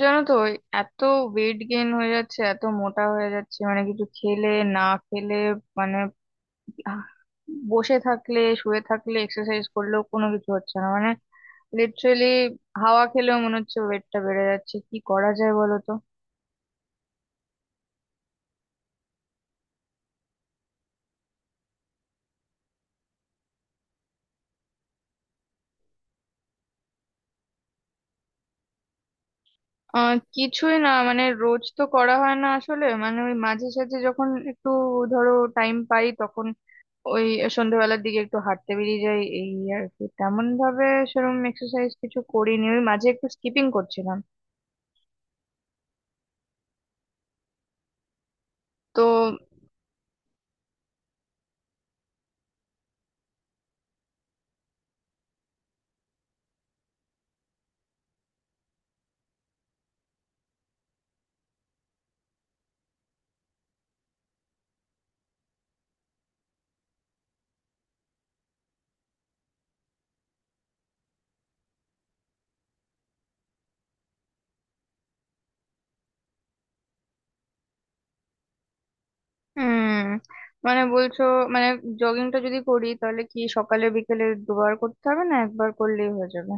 জানো তো ওই এত ওয়েট গেইন হয়ে যাচ্ছে, এত মোটা হয়ে যাচ্ছে, মানে কিছু খেলে, না খেলে, মানে আহ, বসে থাকলে, শুয়ে থাকলে, এক্সারসাইজ করলেও কোনো কিছু হচ্ছে না, মানে লিটারেলি হাওয়া খেলেও মনে হচ্ছে ওয়েটটা বেড়ে যাচ্ছে। কি করা যায় বলো তো? কিছুই না, মানে রোজ তো করা হয় না আসলে, মানে ওই মাঝে সাঝে যখন একটু ধরো টাইম পাই, তখন ওই সন্ধ্যেবেলার দিকে একটু হাঁটতে বেরিয়ে যাই, এই আর কি। তেমন ভাবে সেরকম এক্সারসাইজ কিছু করিনি, ওই মাঝে একটু স্কিপিং করছিলাম তো। উম মানে বলছো, মানে জগিংটা যদি করি, তাহলে কি সকালে বিকেলে দুবার করতে হবে, না একবার করলেই হয়ে যাবে?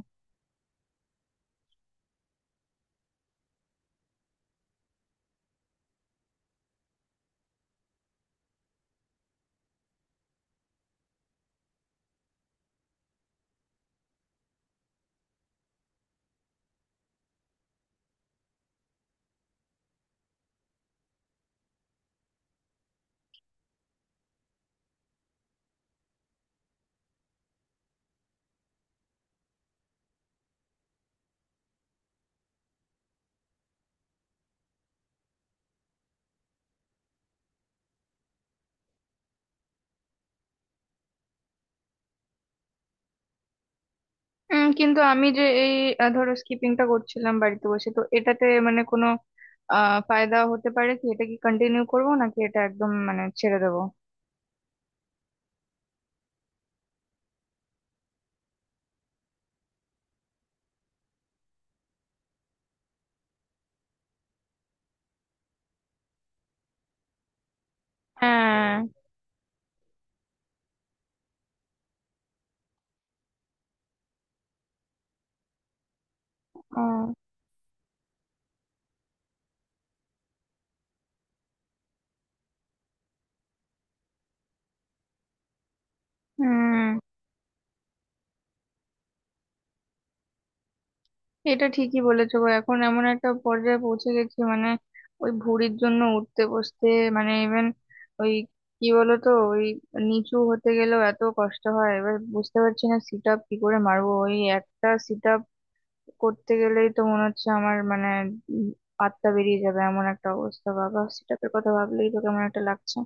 কিন্তু আমি যে এই ধরো স্কিপিংটা করছিলাম বাড়িতে বসে, তো এটাতে মানে কোনো ফায়দা হতে পারে কি? এটা কি কন্টিনিউ করবো, নাকি এটা একদম মানে ছেড়ে দেবো? হ্যাঁ। ও। হুম। এটা ঠিকই বলেছো গো, এখন এমন একটা পর্যায়ে পৌঁছে গেছি মানে ওই ভুঁড়ির জন্য উঠতে বসতে মানে ইভেন ওই কি বলো তো, ওই নিচু হতে গেলেও এত কষ্ট হয়। এবার বুঝতে পারছি না সিট আপ কি করে মারবো। ওই একটা সিট করতে গেলেই তো মনে হচ্ছে আমার মানে উম আত্মা বেরিয়ে যাবে এমন একটা অবস্থা। বাবা, সেটাপের কথা ভাবলেই তো কেমন একটা লাগছে।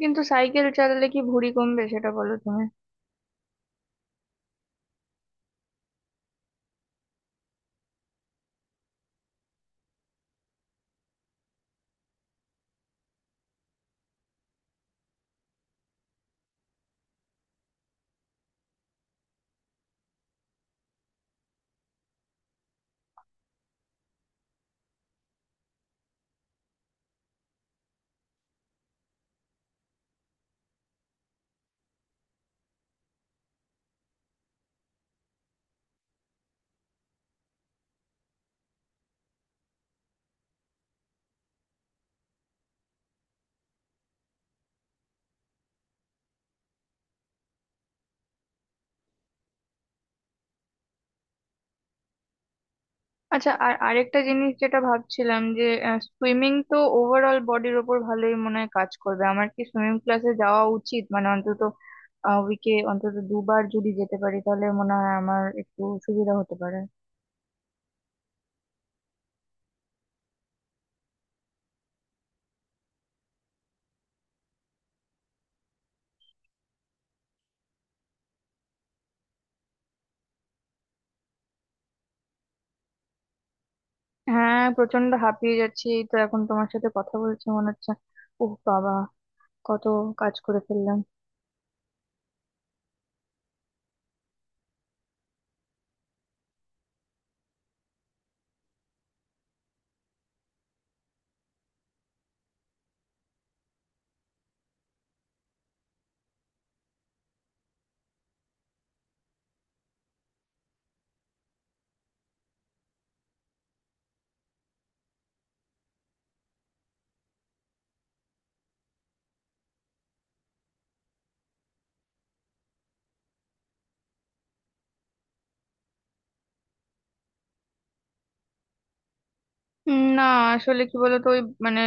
কিন্তু সাইকেল চালালে কি ভুঁড়ি কমবে সেটা বলো তুমি। আচ্ছা, আর আরেকটা জিনিস যেটা ভাবছিলাম, যে সুইমিং তো ওভারঅল বডির ওপর ভালোই মনে হয় কাজ করবে। আমার কি সুইমিং ক্লাসে যাওয়া উচিত? মানে অন্তত উইকে অন্তত দুবার যদি যেতে পারি, তাহলে মনে হয় আমার একটু সুবিধা হতে পারে। হ্যাঁ, প্রচন্ড হাঁপিয়ে যাচ্ছি। এই তো এখন তোমার সাথে কথা বলছি মনে হচ্ছে, ওহ বাবা, কত কাজ করে ফেললাম। না, আসলে কি বলতো ওই মানে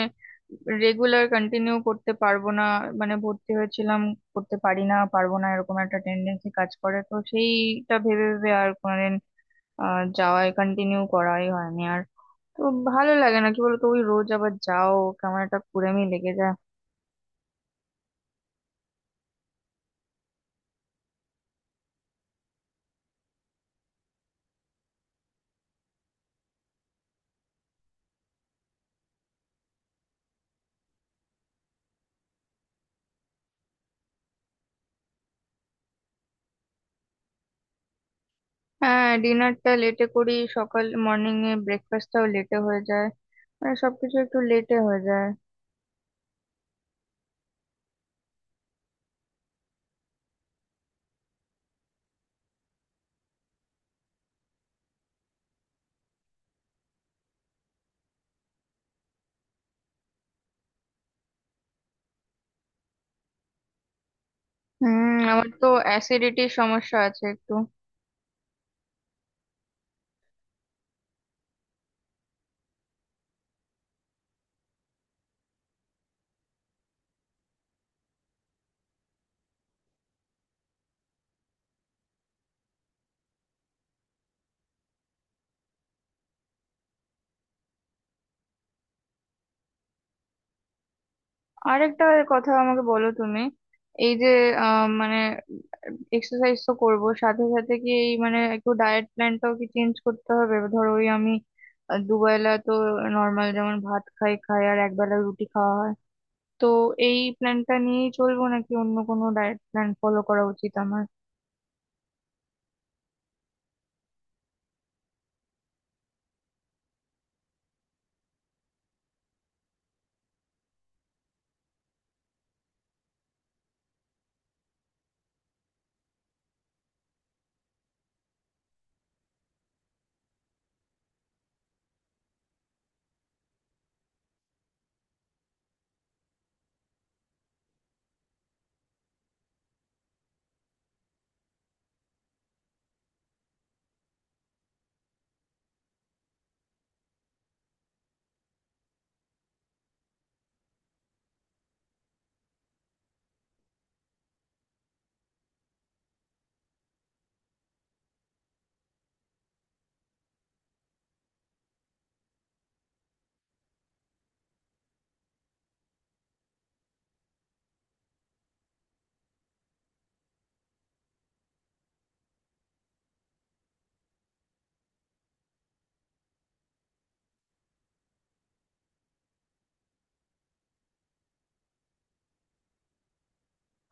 রেগুলার কন্টিনিউ করতে পারবো না। মানে ভর্তি হয়েছিলাম, করতে পারি না, পারবো না, এরকম একটা টেন্ডেন্সি কাজ করে, তো সেইটা ভেবে ভেবে আর কোনোদিন যাওয়াই, কন্টিনিউ করাই হয়নি আর। তো ভালো লাগে না, কি বলতো, ওই রোজ আবার যাও, কেমন একটা কুড়েমি লেগে যায়। হ্যাঁ, ডিনারটা লেটে করি, সকাল মর্নিং এ ব্রেকফাস্টটাও লেটে হয়ে যায়, মানে সবকিছু একটু লেটে হয়ে যায়। হুম, আমার তো অ্যাসিডিটির সমস্যা আছে একটু। আরেকটা কথা আমাকে বলো তুমি। এই যে মানে এক্সারসাইজ তো করব, সাথে সাথে কি এই মানে একটু ডায়েট প্ল্যানটাও কি চেঞ্জ করতে হবে? ধরো ওই আমি দুবেলা তো নর্মাল যেমন ভাত খাই খাই, আর একবেলা রুটি খাওয়া হয়। তো এই প্ল্যানটা নিয়েই চলবো, নাকি অন্য কোনো ডায়েট প্ল্যান ফলো করা উচিত আমার?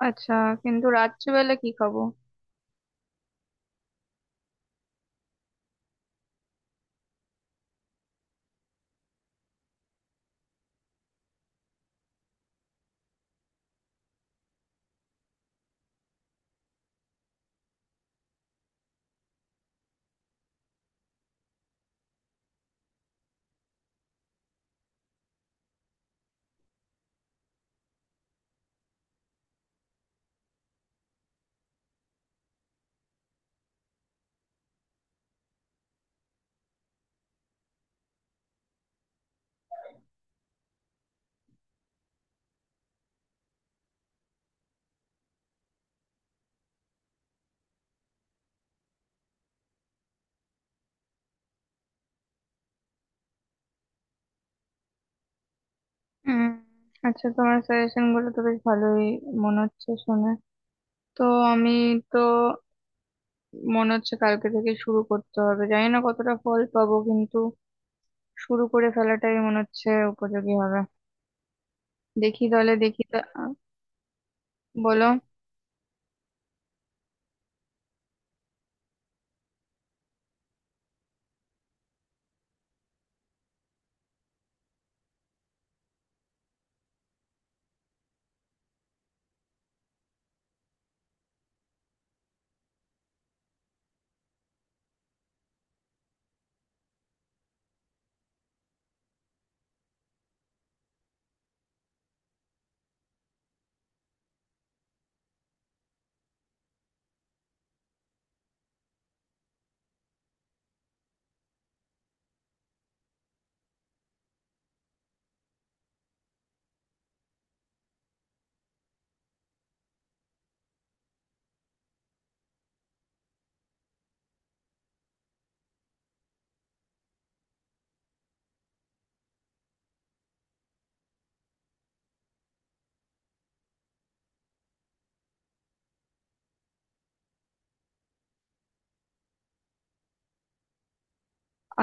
আচ্ছা, কিন্তু রাত্রিবেলা কি খাবো? উম, আচ্ছা, তোমার সাজেশন গুলো তো বেশ ভালোই মনে হচ্ছে শুনে। তো আমি তো মনে হচ্ছে কালকে থেকে শুরু করতে হবে। জানি না কতটা ফল পাবো, কিন্তু শুরু করে ফেলাটাই মনে হচ্ছে উপযোগী হবে। দেখি তাহলে, দেখি বলো।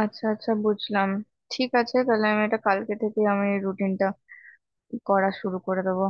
আচ্ছা আচ্ছা, বুঝলাম। ঠিক আছে, তাহলে আমি এটা কালকে থেকে আমি রুটিনটা করা শুরু করে দেবো।